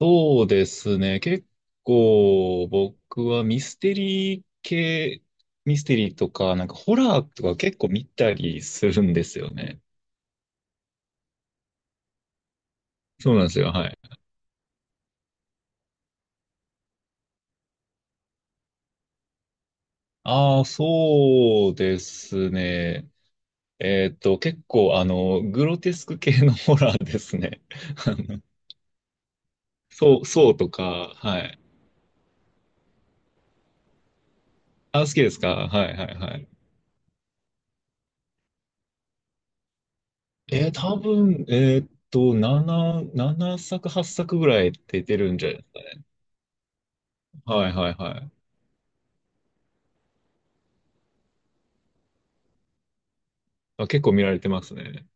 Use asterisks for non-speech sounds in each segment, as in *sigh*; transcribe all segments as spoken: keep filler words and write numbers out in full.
そうですね。結構僕はミステリー系、ミステリーとか、なんかホラーとか結構見たりするんですよね。そうなんですよ。はい。ああ、そうですね。えっと、結構あの、グロテスク系のホラーですね。*laughs* あのそう、そうとか、はい。あ、好きですか？はいはいはい。えー、多分、えーっと、なな、ななさく、はっさくぐらいって出てるんじゃないですかね。はいはいはい。あ、結構見られてますね。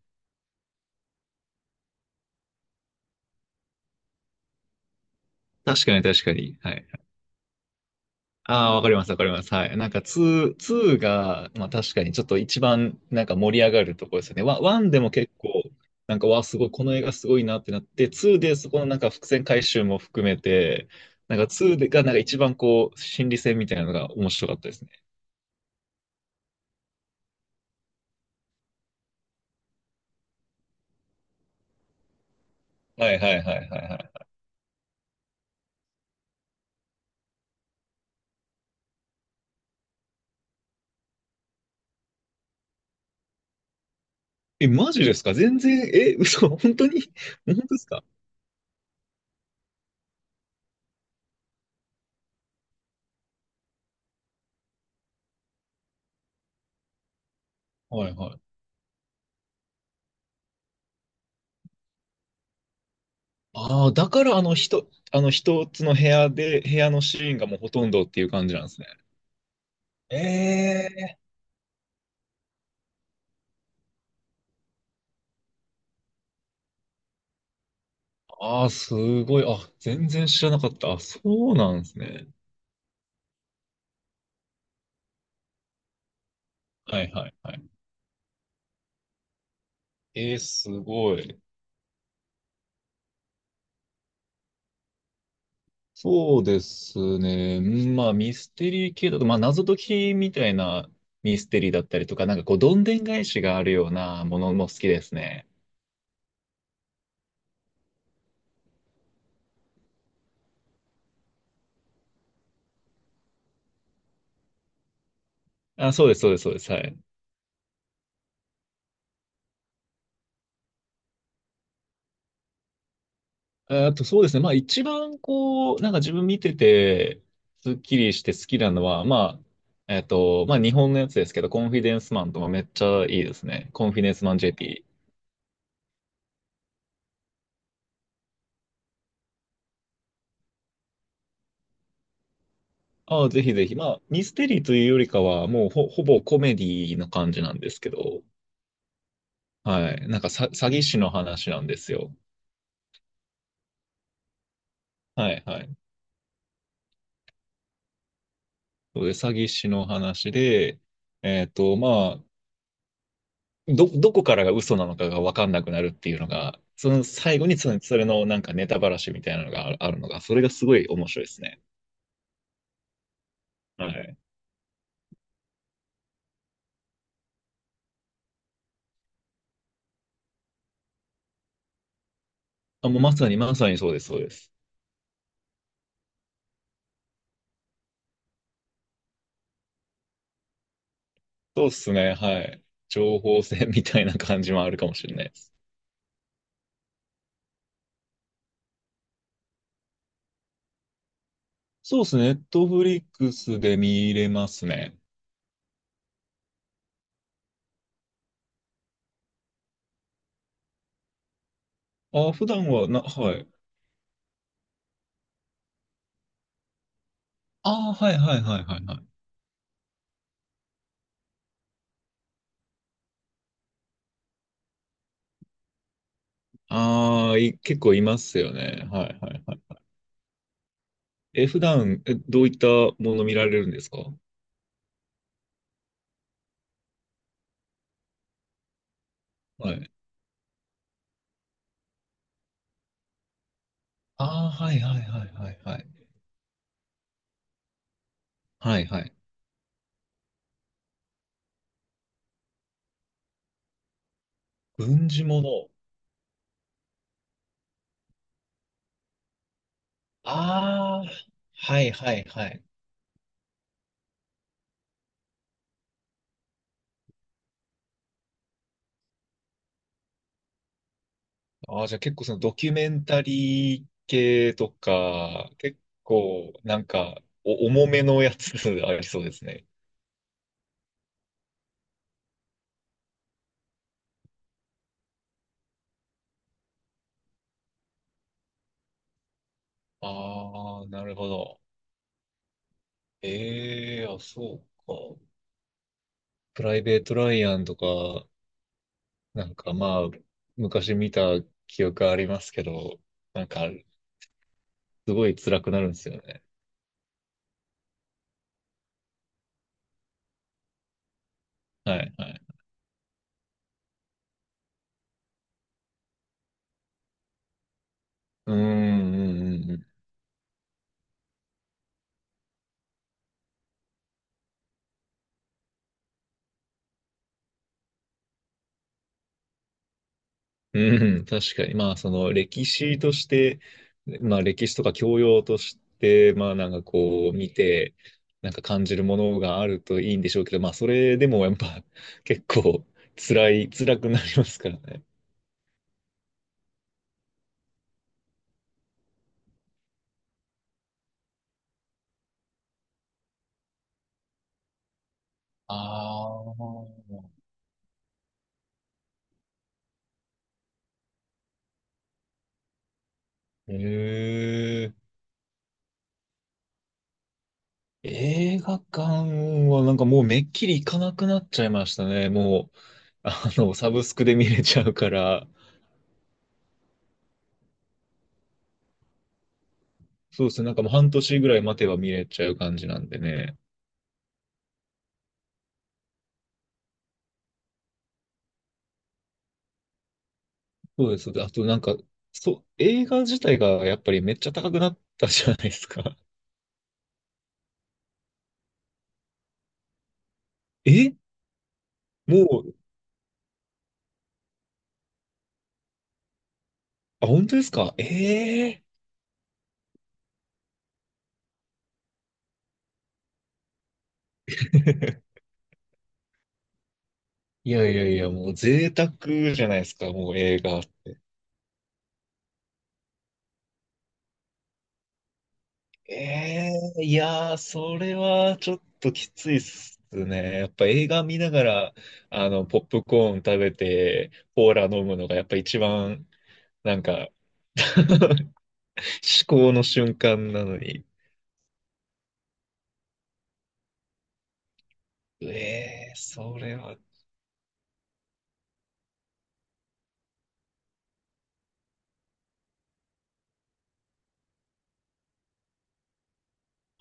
確かに確かに。はい。ああ、わかりますわかります。はい。なんかツー、ツーが、まあ確かにちょっと一番なんか盛り上がるところですよね。ワワンでも結構、なんかわあ、すごい、この映画すごいなってなって、ツーでそこのなんか伏線回収も含めて、なんかツーでがなんか一番こう、心理戦みたいなのが面白かったですね。はいはいはいはいはい。え、マジですか？全然、え、嘘、本当に？本当ですか？はいはい。ああ、だからあの一、あの一つの部屋で、部屋のシーンがもうほとんどっていう感じなんですね。ええ、ああ、すごい。あ、全然知らなかった。あ、そうなんですね。はいはいはい。ええ、すごい。そうですね。うん、まあ、ミステリー系だと、まあ、謎解きみたいなミステリーだったりとか、なんかこう、どんでん返しがあるようなものも好きですね。あ、そうです、そうです、そうです。はい。えーっと、そうですね。まあ一番こう、なんか自分見てて、スッキリして好きなのは、まあ、えーっと、まあ日本のやつですけど、コンフィデンスマンとかめっちゃいいですね。コンフィデンスマン ジェーピー。ああ、ぜひぜひ。まあ、ミステリーというよりかは、もうほ、ほぼコメディの感じなんですけど、はい。なんかさ、詐欺師の話なんですよ。はい、はい。そうで、詐欺師の話で、えっと、まあ、ど、どこからが嘘なのかが分かんなくなるっていうのが、その最後にその、それのなんかネタばらしみたいなのがあるあるのが、それがすごい面白いですね。はい。あ、もうまさにまさにそうです、そうです。そうですね、はい。情報戦みたいな感じもあるかもしれないです。そうですね、ネットフリックスで見れますね。あ、普段はな、はい。ああ、はいはいはいはいはい。ああ、い、結構いますよね。はいはいはい。え、普段、え、どういったもの見られるんですか？はい。ああ、はいはいはいはいはい。はいはい。軍事もの。ああ、はいはいはい。ああ、じゃあ結構そのドキュメンタリー系とか、結構なんかお重めのやつ *laughs* ありそうですね。ああ、なるほど。ええ、あ、そうか。プライベート・ライアンとか、なんかまあ、昔見た記憶ありますけど、なんか、すごい辛くなるんですよね。はい、はい。うん、うん、うん、うん、確かに。まあ、その歴史として、まあ、歴史とか教養として、まあ、なんかこう、見て、なんか感じるものがあるといいんでしょうけど、まあ、それでもやっぱ、*laughs* 結構、辛い、辛くなりますからね。ああ。へえ、映画館はなんかもうめっきり行かなくなっちゃいましたね。もう、*laughs* あの、サブスクで見れちゃうから、そうですね、なんかもう半年ぐらい待てば見れちゃう感じなんでね。そうです。あとなんか、そう、映画自体がやっぱりめっちゃ高くなったじゃないですか。*laughs* え、もう、あ、本当ですか？ええ *laughs* いやいやいや、もう贅沢じゃないですか、もう映画。ええ、いやー、それはちょっときついっすね。やっぱ映画見ながら、あの、ポップコーン食べて、コーラ飲むのがやっぱ一番、なんか *laughs* 至高の瞬間なのに。ええ、それは、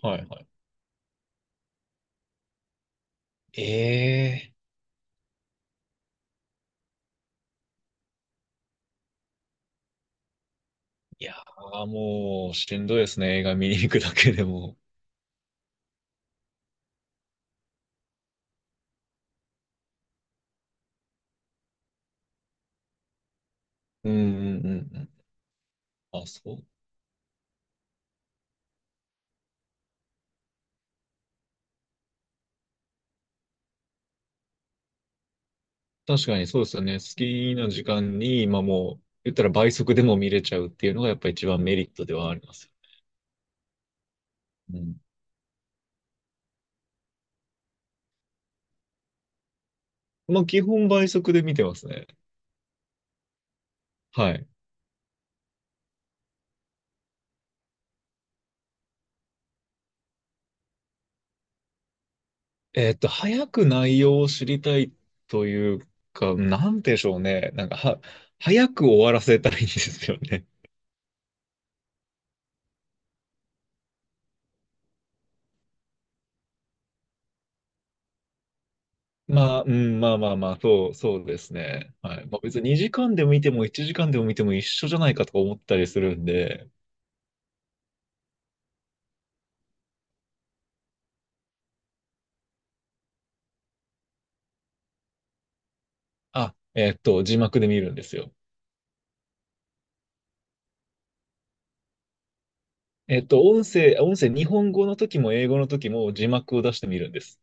はいはい。ええ、いやー、もう、しんどいですね。映画見に行くだけでも。うんうんうんうん。あ、そう。確かにそうですよね。好きな時間に、まあもう、言ったら倍速でも見れちゃうっていうのがやっぱ一番メリットではあります。うん。まあ基本倍速で見てますね。はい。えーっと、早く内容を知りたいというか、なんでしょうね。なんか、は、早く終わらせたいんですよね。まあ、うん、まあまあまあ、そう、そうですね。はい。まあ別ににじかんでも見てもいちじかんでも見ても一緒じゃないかとか思ったりするんで、あ、えっと、字幕で見るんですよ。えっと、音声、音声、日本語の時も英語の時も字幕を出してみるんです。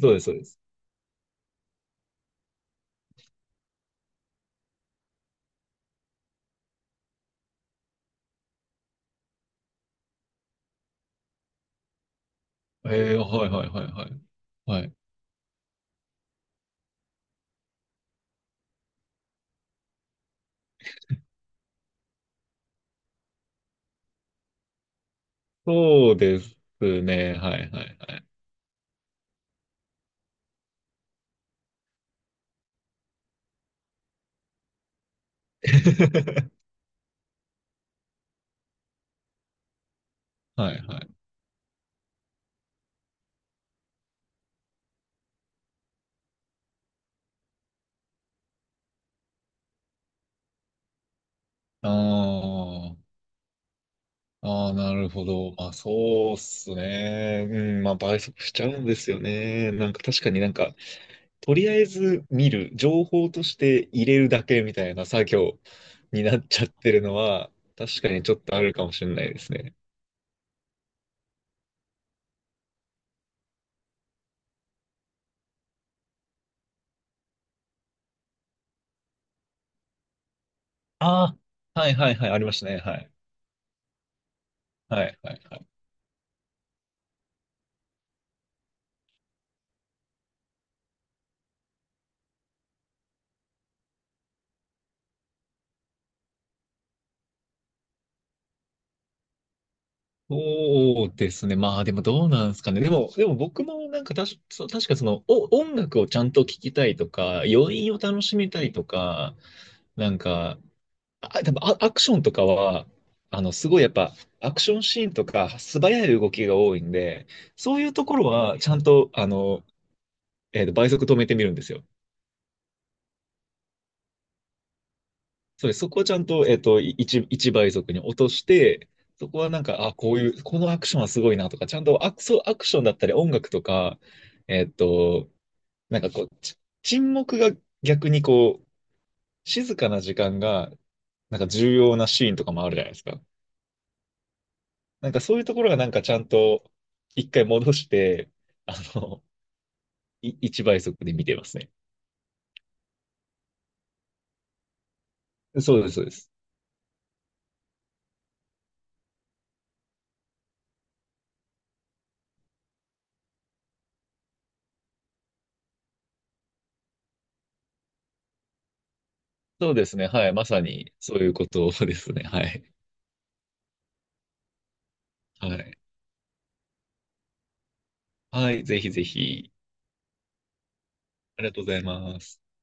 そうです、そうです。えー、はいはいはいはい。はい。そうですね。はいはいはい。*laughs* はいはい。ああ、ああ、なるほど。まあそうっすね。うん、まあ倍速しちゃうんですよね。なんか確かになんか、とりあえず見る、情報として入れるだけみたいな作業になっちゃってるのは、確かにちょっとあるかもしれないですね。ああ、はいはいはい、ありましたね。はい。はいはいはい。そうですね。まあでもどうなんですかね。でも、でも僕もなんかたし、そう確かその、お、音楽をちゃんと聴きたいとか、余韻を楽しみたいとか、なんか、あ、でもア、アクションとかは、あの、すごいやっぱ、アクションシーンとか、素早い動きが多いんで、そういうところは、ちゃんと、あの、えっと、倍速止めてみるんですよ。それ、そこをちゃんと、えっと、いち、一一倍速に落として、そこはなんか、あ、こういう、このアクションはすごいなとか、ちゃんとアク、そうアクションだったり、音楽とか、えっと、なんかこう、ち沈黙が逆にこう、静かな時間が、なんか重要なシーンとかもあるじゃないですか。なんかそういうところがなんかちゃんといっかい戻して、あの、い、*laughs* 一倍速で見てますね。そうです、そうです。そうですね。はい。まさにそういうことですね。はい。はい。はい。ぜひぜひ。ありがとうございます。